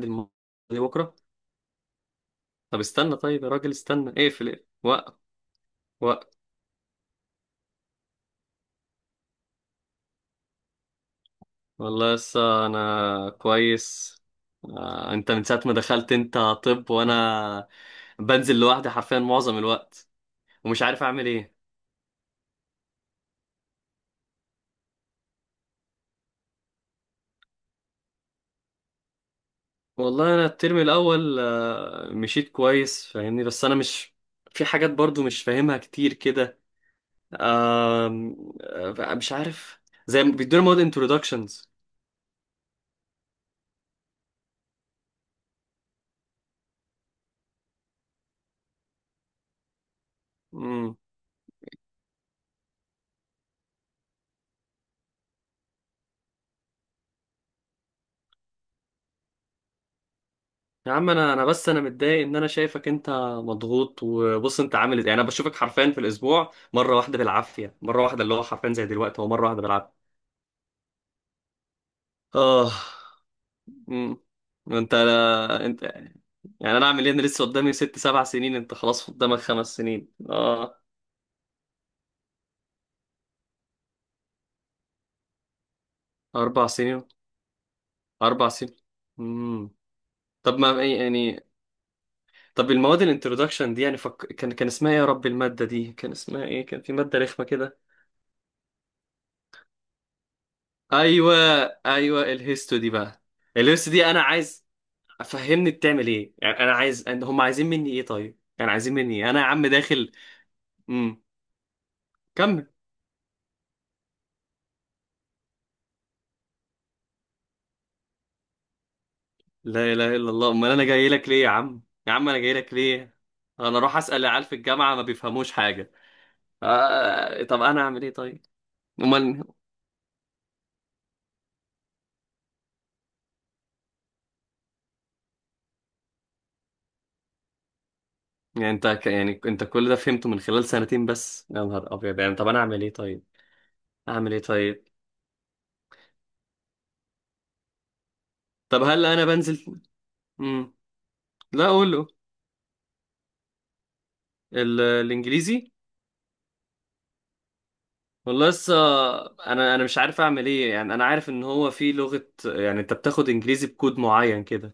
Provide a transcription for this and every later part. الماضي. بكرة. طب استنى، طيب يا راجل، استنى. اقفل. وقف وقف. والله لسه انا كويس. انت من ساعة ما دخلت، انت طب وانا بنزل لوحدي حرفيا معظم الوقت، ومش عارف اعمل ايه. والله انا الترم الاول مشيت كويس فاهمني، بس انا مش... في حاجات برضو مش فاهمها كتير كده. آم، مش عارف. زي ما بيدونا مواد introductions. يا عم انا بس انا متضايق ان انا شايفك انت مضغوط. وبص انت عامل ازاي؟ يعني انا بشوفك حرفيا في الاسبوع مره واحده بالعافيه، مره واحده اللي هو حرفيا زي دلوقتي، هو مره واحده بالعافيه. اه. امم. انت انت. يعني انا اعمل ايه؟ انا لسه قدامي 6 7 سنين، انت خلاص قدامك 5 سنين. اه. 4 سنين. 4 سنين. امم. طب ما إيه يعني؟ طب المواد الانترودكشن دي يعني كان اسمها ايه يا رب؟ الماده دي كان اسمها ايه؟ كان في ماده رخمه كده. ايوه. ايوه الهيستو دي بقى. الهيستو دي انا عايز افهمني بتعمل ايه يعني. انا عايز أن هم عايزين مني ايه طيب، يعني عايزين مني ايه؟ انا يا عم داخل. امم. كمل. لا اله الا الله، امال انا جاي لك ليه يا عم؟ يا عم انا جاي لك ليه؟ انا اروح اسال العيال في الجامعه، ما بيفهموش حاجه. طب انا اعمل ايه طيب؟ امال. يعني انت كل ده فهمته من خلال سنتين بس؟ يا نهار ابيض. يعني طب انا اعمل ايه طيب؟ اعمل ايه طيب؟ طب هل انا بنزل؟ امم. لا اقول له. الانجليزي. والله لسه، انا مش عارف اعمل ايه. يعني انا عارف ان هو في لغة، يعني انت بتاخد انجليزي بكود معين كده،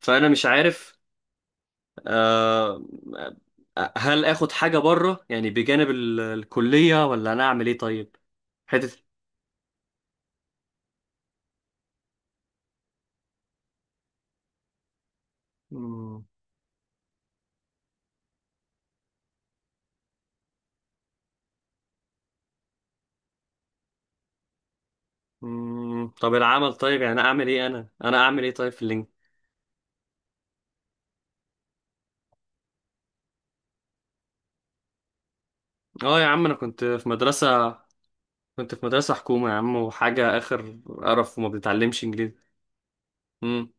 فانا مش عارف. آه. هل اخد حاجة بره يعني بجانب الكلية، ولا انا اعمل ايه طيب؟ حتة. مم. مم. طب العمل طيب، يعني اعمل ايه؟ انا اعمل ايه طيب في اللينك؟ اه يا عم انا كنت في مدرسة. كنت في مدرسة حكومة يا عم، وحاجة اخر قرف، وما بتتعلمش انجليزي. مم.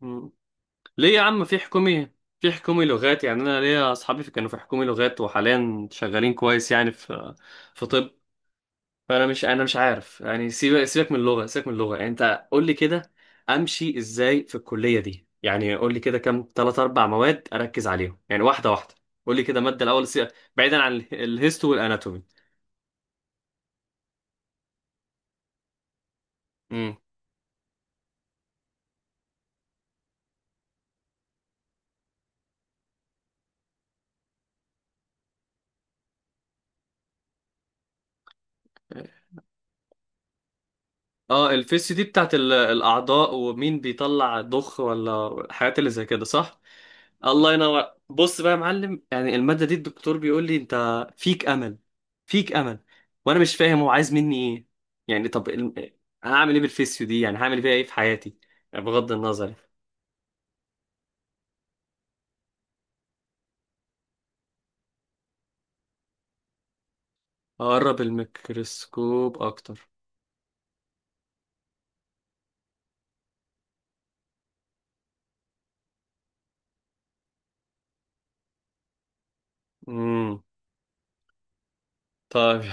مم. ليه يا عم؟ في حكومي، في حكومي لغات. يعني انا ليا اصحابي كانوا في حكومي لغات، وحاليا شغالين كويس. يعني في طب. فانا مش عارف. يعني سيبك سيبك من اللغه، سيبك من اللغه. يعني انت قول لي كده، امشي ازاي في الكليه دي؟ يعني قول لي كده كام ثلاث اربع مواد اركز عليهم يعني. واحده واحده. قول لي كده ماده الاول، بعيدا عن الهيستو والاناتومي. امم. اه الفيس دي بتاعت الاعضاء، ومين بيطلع ضخ ولا الحاجات اللي زي كده، صح؟ الله ينور. بص بقى يا معلم، يعني المادة دي الدكتور بيقول لي انت فيك امل، فيك امل، وانا مش فاهم هو عايز مني ايه. يعني طب هعمل ايه بالفيسيو دي؟ يعني هعمل بيها ايه في حياتي؟ يعني بغض النظر. اقرب الميكروسكوب اكتر. امم. طيب.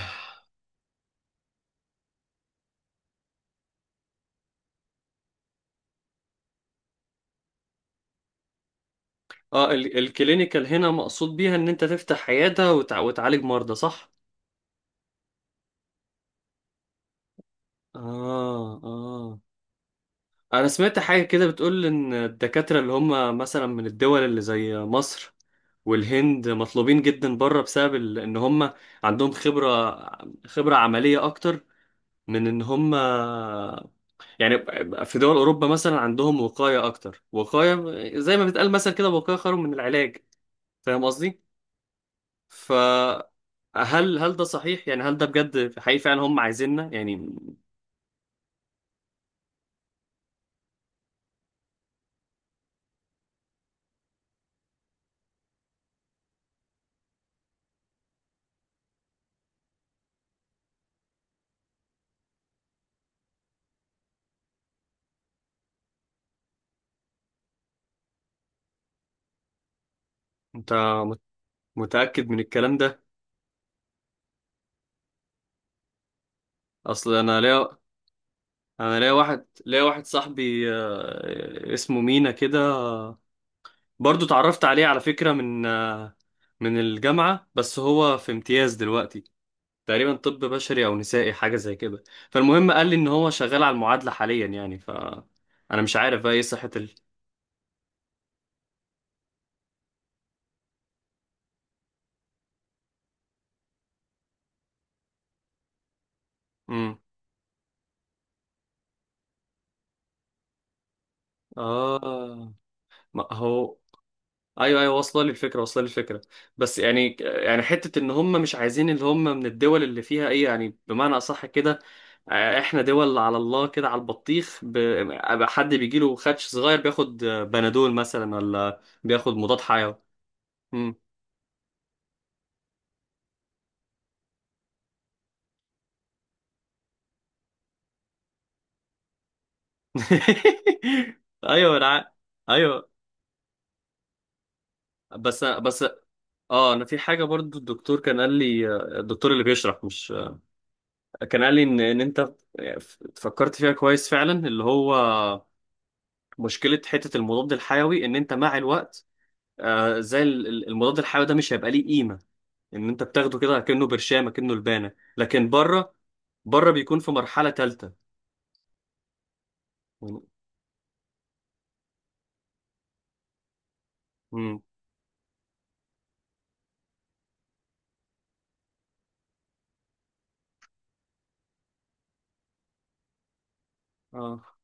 اه، الكلينيكال هنا مقصود بيها ان انت تفتح عيادة وتعالج مرضى، صح؟ اه، اه. انا سمعت حاجة كده بتقول ان الدكاترة اللي هم مثلا من الدول اللي زي مصر والهند مطلوبين جدا بره، بسبب ان هم عندهم خبرة، خبرة عملية اكتر من ان هم يعني في دول اوروبا مثلا عندهم وقاية اكتر. وقاية زي ما بتقال مثلا كده، وقاية خير من العلاج. فاهم قصدي؟ فهل، هل ده صحيح؟ يعني هل ده بجد حقيقي فعلا هم عايزيننا يعني؟ انت متأكد من الكلام ده؟ اصل انا ليا، انا ليا واحد صاحبي اسمه مينا كده، برضو اتعرفت عليه على فكرة من الجامعة، بس هو في امتياز دلوقتي تقريبا، طب بشري او نسائي حاجة زي كده. فالمهم قال لي ان هو شغال على المعادلة حاليا، يعني ف، انا مش عارف بقى ايه صحة ال. امم. اه. ما هو، ايوه ايوه، واصله لي الفكره، واصله لي الفكره. بس يعني، يعني حته ان هم مش عايزين اللي هم من الدول اللي فيها ايه، يعني بمعنى اصح كده؟ احنا دول على الله كده، على البطيخ. أبقى حد بيجي له خدش صغير بياخد بنادول مثلا، ولا بياخد مضاد حيوي. مم. ايوه ايوه بس بس. اه انا في حاجه برضو الدكتور كان قال لي، الدكتور اللي بيشرح مش، كان قال لي ان انت فكرت فيها كويس فعلا، اللي هو مشكلة حتة المضاد الحيوي إن أنت مع الوقت، زي المضاد الحيوي ده مش هيبقى ليه قيمة، إن أنت بتاخده كده كأنه برشامة كأنه لبانة. لكن بره، بره بيكون في مرحلة تالتة. امم. اه،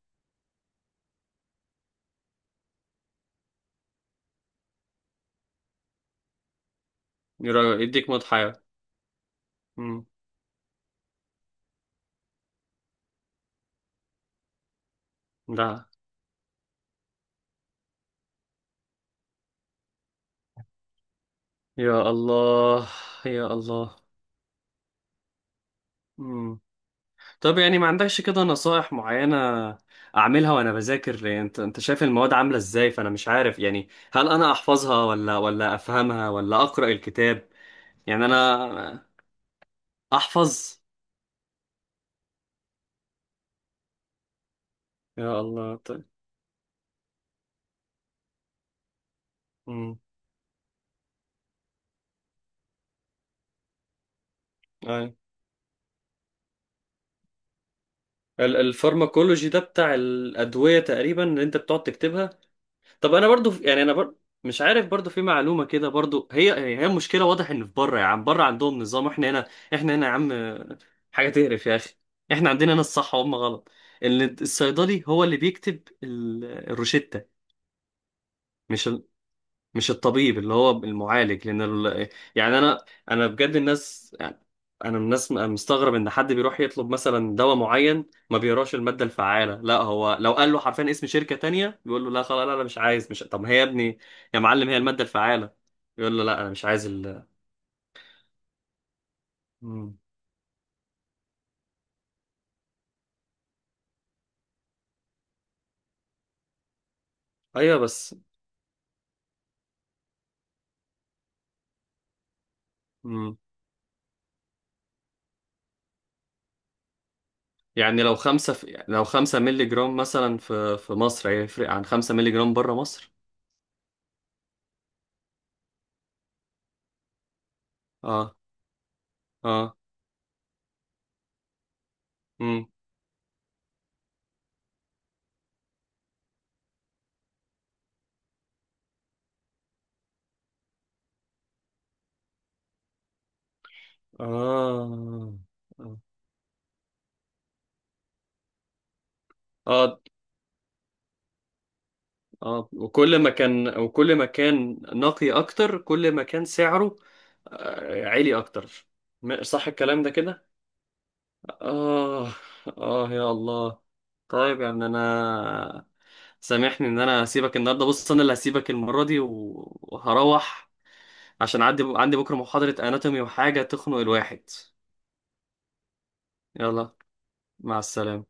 يديك مضاد حيوي. امم. ده. يا الله. يا الله. امم. طب يعني ما عندكش كده نصائح معينة أعملها وأنا بذاكر؟ يعني أنت، أنت شايف المواد عاملة إزاي، فأنا مش عارف يعني هل أنا أحفظها ولا أفهمها ولا أقرأ الكتاب؟ يعني انا. احفظ. يا الله طيب. امم. اي. الفارماكولوجي ده بتاع الادويه تقريبا اللي انت بتقعد تكتبها؟ طب انا برضو، يعني انا برضو مش عارف، برضو في معلومه كده، برضو هي مشكله واضح ان في بره يا عم. بره عندهم نظام، احنا هنا، احنا هنا يا عم حاجه تقرف يا اخي. احنا عندنا هنا الصح وهم غلط. الصيدلي هو اللي بيكتب الروشتة، مش، مش الطبيب اللي هو المعالج، لان ال... يعني انا بجد الناس يعني. انا من الناس مستغرب ان حد بيروح يطلب مثلا دواء معين، ما بيقراش الماده الفعاله، لا هو لو قال له حرفيا اسم شركه تانية بيقول له لا خلاص، لا انا مش عايز، مش. طب ما هي يا ابني يا معلم هي الماده الفعاله. يقول له لا انا مش عايز ال. مم. ايوه بس. مم. يعني لو لو 5 مللي جرام مثلا في، في مصر، هيفرق عن 5 مللي جرام بره مصر؟ اه. اه. امم. اه. آه. اه، وكل ما كان، وكل ما كان نقي اكتر، كل ما كان سعره عالي اكتر. صح الكلام ده كده؟ اه. اه. يا الله. طيب يا ابني انا، سامحني ان انا هسيبك النهارده. بص انا اللي هسيبك المره دي، وهروح عشان عندي بكره محاضره اناتومي، وحاجه تخنق الواحد. يلا، مع السلامه.